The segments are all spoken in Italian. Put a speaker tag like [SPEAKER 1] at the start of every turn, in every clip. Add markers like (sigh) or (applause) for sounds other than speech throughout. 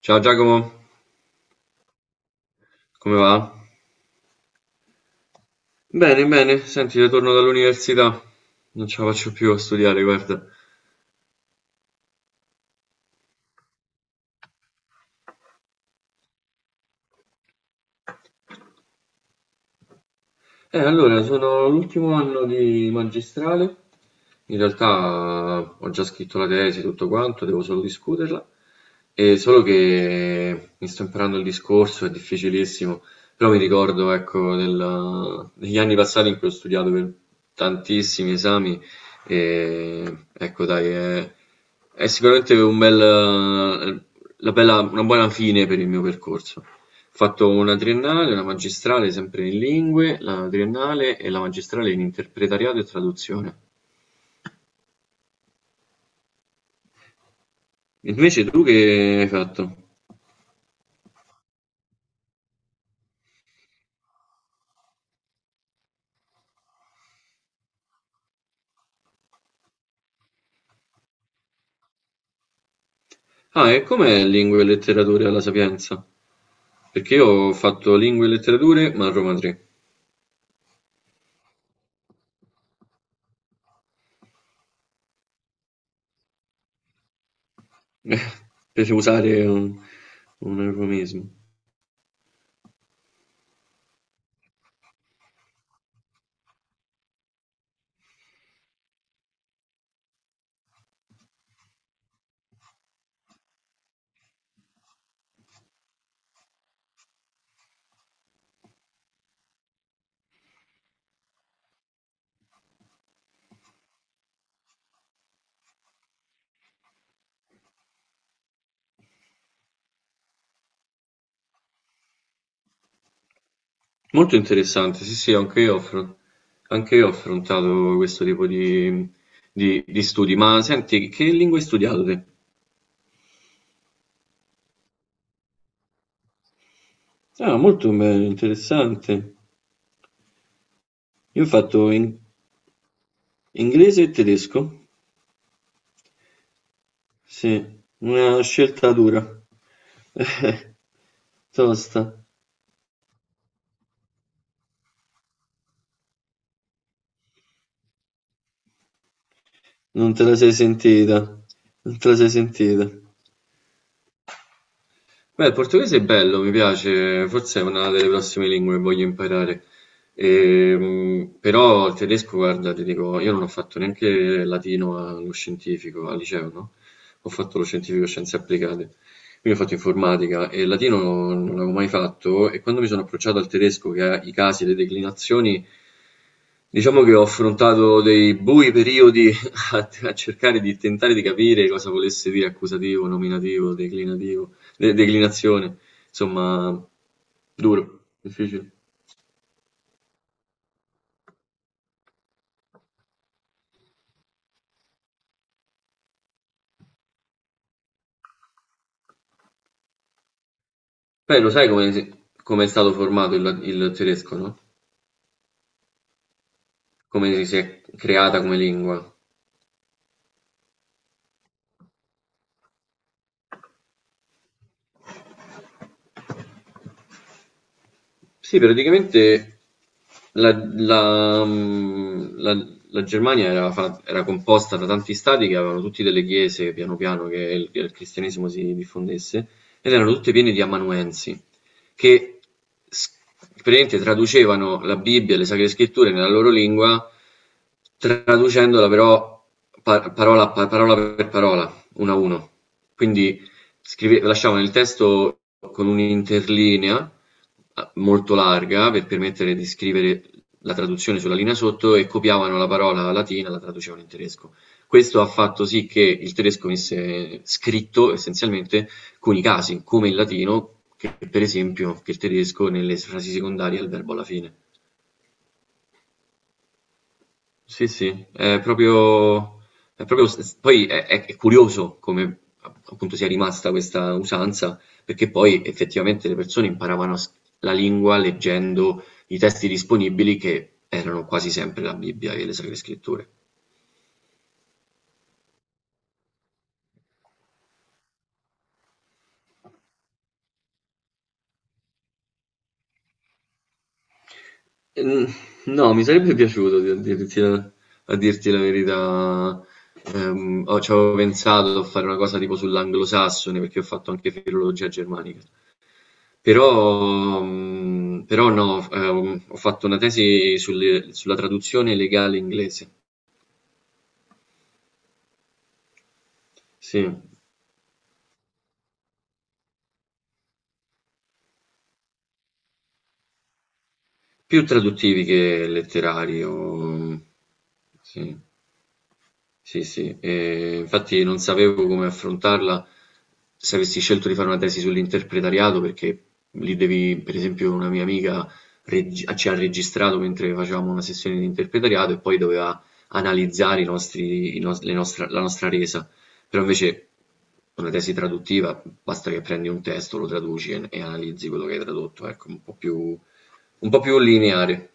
[SPEAKER 1] Ciao Giacomo, come va? Bene, bene, senti, ritorno dall'università. Non ce la faccio più a studiare, guarda. Allora, sono all'ultimo anno di magistrale. In realtà ho già scritto la tesi, tutto quanto, devo solo discuterla. Solo che mi sto imparando il discorso, è difficilissimo, però mi ricordo, ecco, degli anni passati in cui ho studiato per tantissimi esami e ecco, dai, è sicuramente un bel, una buona fine per il mio percorso. Ho fatto una triennale, una magistrale sempre in lingue, la triennale e la magistrale in interpretariato e traduzione. Invece tu che hai fatto? Ah, e com'è lingue e letterature alla Sapienza? Perché io ho fatto lingue e letterature, ma a Roma 3, (laughs) per usare un eufemismo. Molto interessante, sì sì, anche io ho affrontato questo tipo di di studi. Ma senti, che lingue hai studiato te? Ah, molto bello, interessante. Io ho fatto inglese e tedesco, sì, una scelta dura, (laughs) eh, tosta, non te la sei sentita, non te la sei sentita. Beh, il portoghese è bello, mi piace, forse è una delle prossime lingue che voglio imparare. Però il tedesco, guarda, ti dico, io non ho fatto neanche latino allo scientifico, al liceo, no? Ho fatto lo scientifico scienze applicate, quindi ho fatto informatica e il latino non l'avevo mai fatto e quando mi sono approcciato al tedesco, che ha i casi, le declinazioni, diciamo che ho affrontato dei bui periodi (laughs) a cercare di tentare di capire cosa volesse dire accusativo, nominativo, declinativo, declinazione, insomma, duro, difficile. Beh, lo sai come, come è stato formato il tedesco, no? Come si è creata come lingua. Sì, praticamente la Germania era composta da tanti stati che avevano tutti delle chiese, piano piano, che il cristianesimo si diffondesse, ed erano tutte piene di amanuensi, che s- praticamente traducevano la Bibbia e le Sacre Scritture nella loro lingua, traducendola però parola per parola, uno a uno. Quindi scrive lasciavano il testo con un'interlinea molto larga per permettere di scrivere la traduzione sulla linea sotto e copiavano la parola latina e la traducevano in tedesco. Questo ha fatto sì che il tedesco venisse scritto essenzialmente con i casi, come il latino, che per esempio, che il tedesco nelle frasi secondarie ha il verbo alla fine. Sì, sì, è proprio, poi è curioso come appunto sia rimasta questa usanza, perché poi effettivamente le persone imparavano a la lingua leggendo i testi disponibili che erano quasi sempre la Bibbia e le Sacre Scritture. Mm, no, mi sarebbe piaciuto a a dirti la verità. Ci avevo pensato a fare una cosa tipo sull'anglosassone perché ho fatto anche filologia germanica. Però, mhmm, però no, f ho fatto una tesi sulla traduzione legale inglese, sì, più traduttivi che letterari o mm, sì. Sì, sì, infatti non sapevo come affrontarla se avessi scelto di fare una tesi sull'interpretariato, perché lì devi, per esempio, una mia amica ci ha registrato mentre facevamo una sessione di interpretariato e poi doveva analizzare i nostri, i nos- le nostra- la nostra resa. Però invece una tesi traduttiva basta che prendi un testo, lo traduci e analizzi quello che hai tradotto, ecco, un po' più lineare.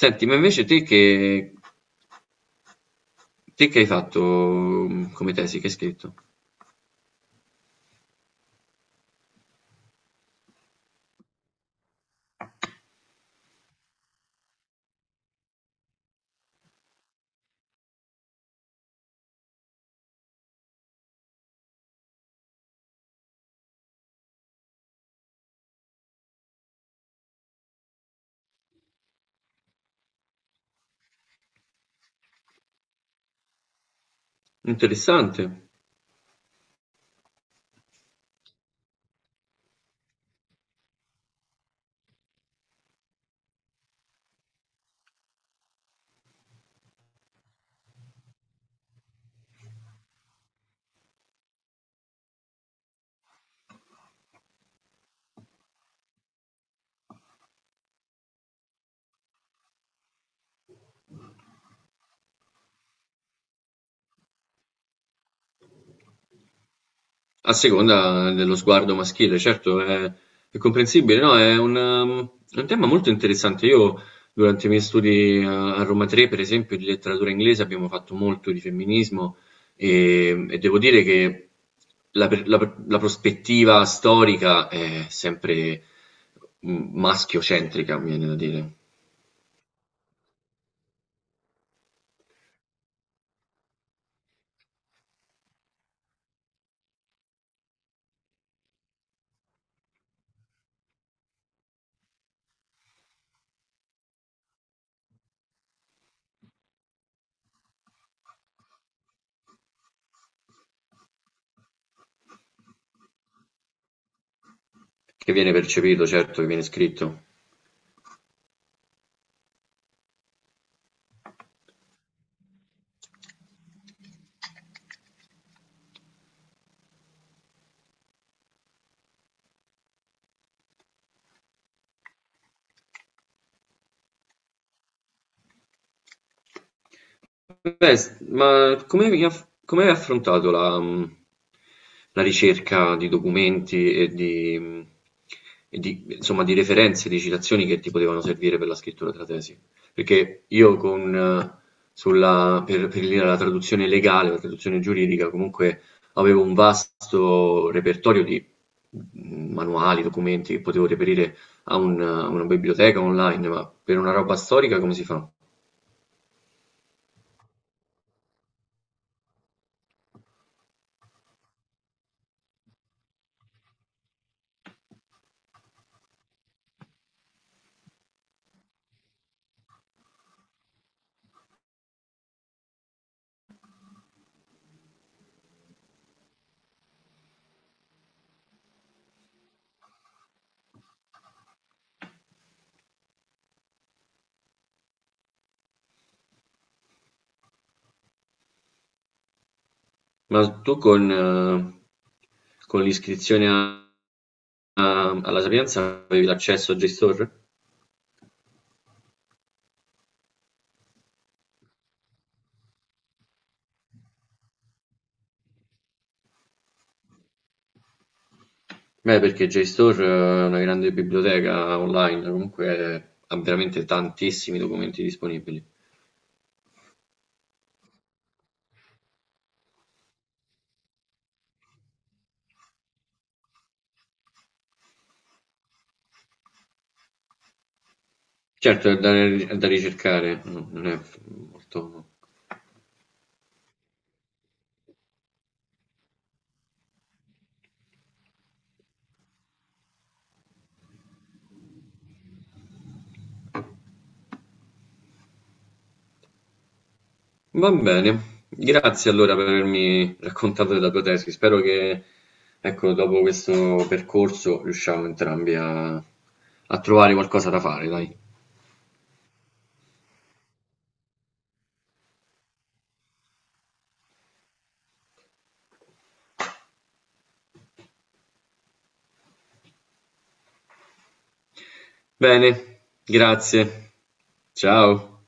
[SPEAKER 1] Senti, te che hai fatto mhmm, come tesi? Che hai scritto? Interessante. A seconda dello sguardo maschile, certo, è comprensibile. No, è è un tema molto interessante. Io, durante i miei studi a Roma 3, per esempio, di letteratura inglese, abbiamo fatto molto di femminismo e devo dire che la prospettiva storica è sempre maschiocentrica, mi viene da dire, che viene percepito, certo, che viene scritto. Ma come hai affrontato la, la ricerca di documenti e di, insomma, di referenze, di citazioni che ti potevano servire per la scrittura della tesi? Perché io sulla, per la traduzione legale, la traduzione giuridica, comunque avevo un vasto repertorio di manuali, documenti che potevo reperire a a una biblioteca online, ma per una roba storica come si fa? Ma tu con l'iscrizione alla Sapienza avevi l'accesso a JSTOR? Beh, perché JSTOR è una grande biblioteca online, comunque ha veramente tantissimi documenti disponibili. Certo, è da ricercare, no, non è molto... no. Va bene, grazie allora per avermi raccontato della tua tesi. Spero che, ecco, dopo questo percorso riusciamo entrambi a trovare qualcosa da fare, dai. Bene, grazie, ciao.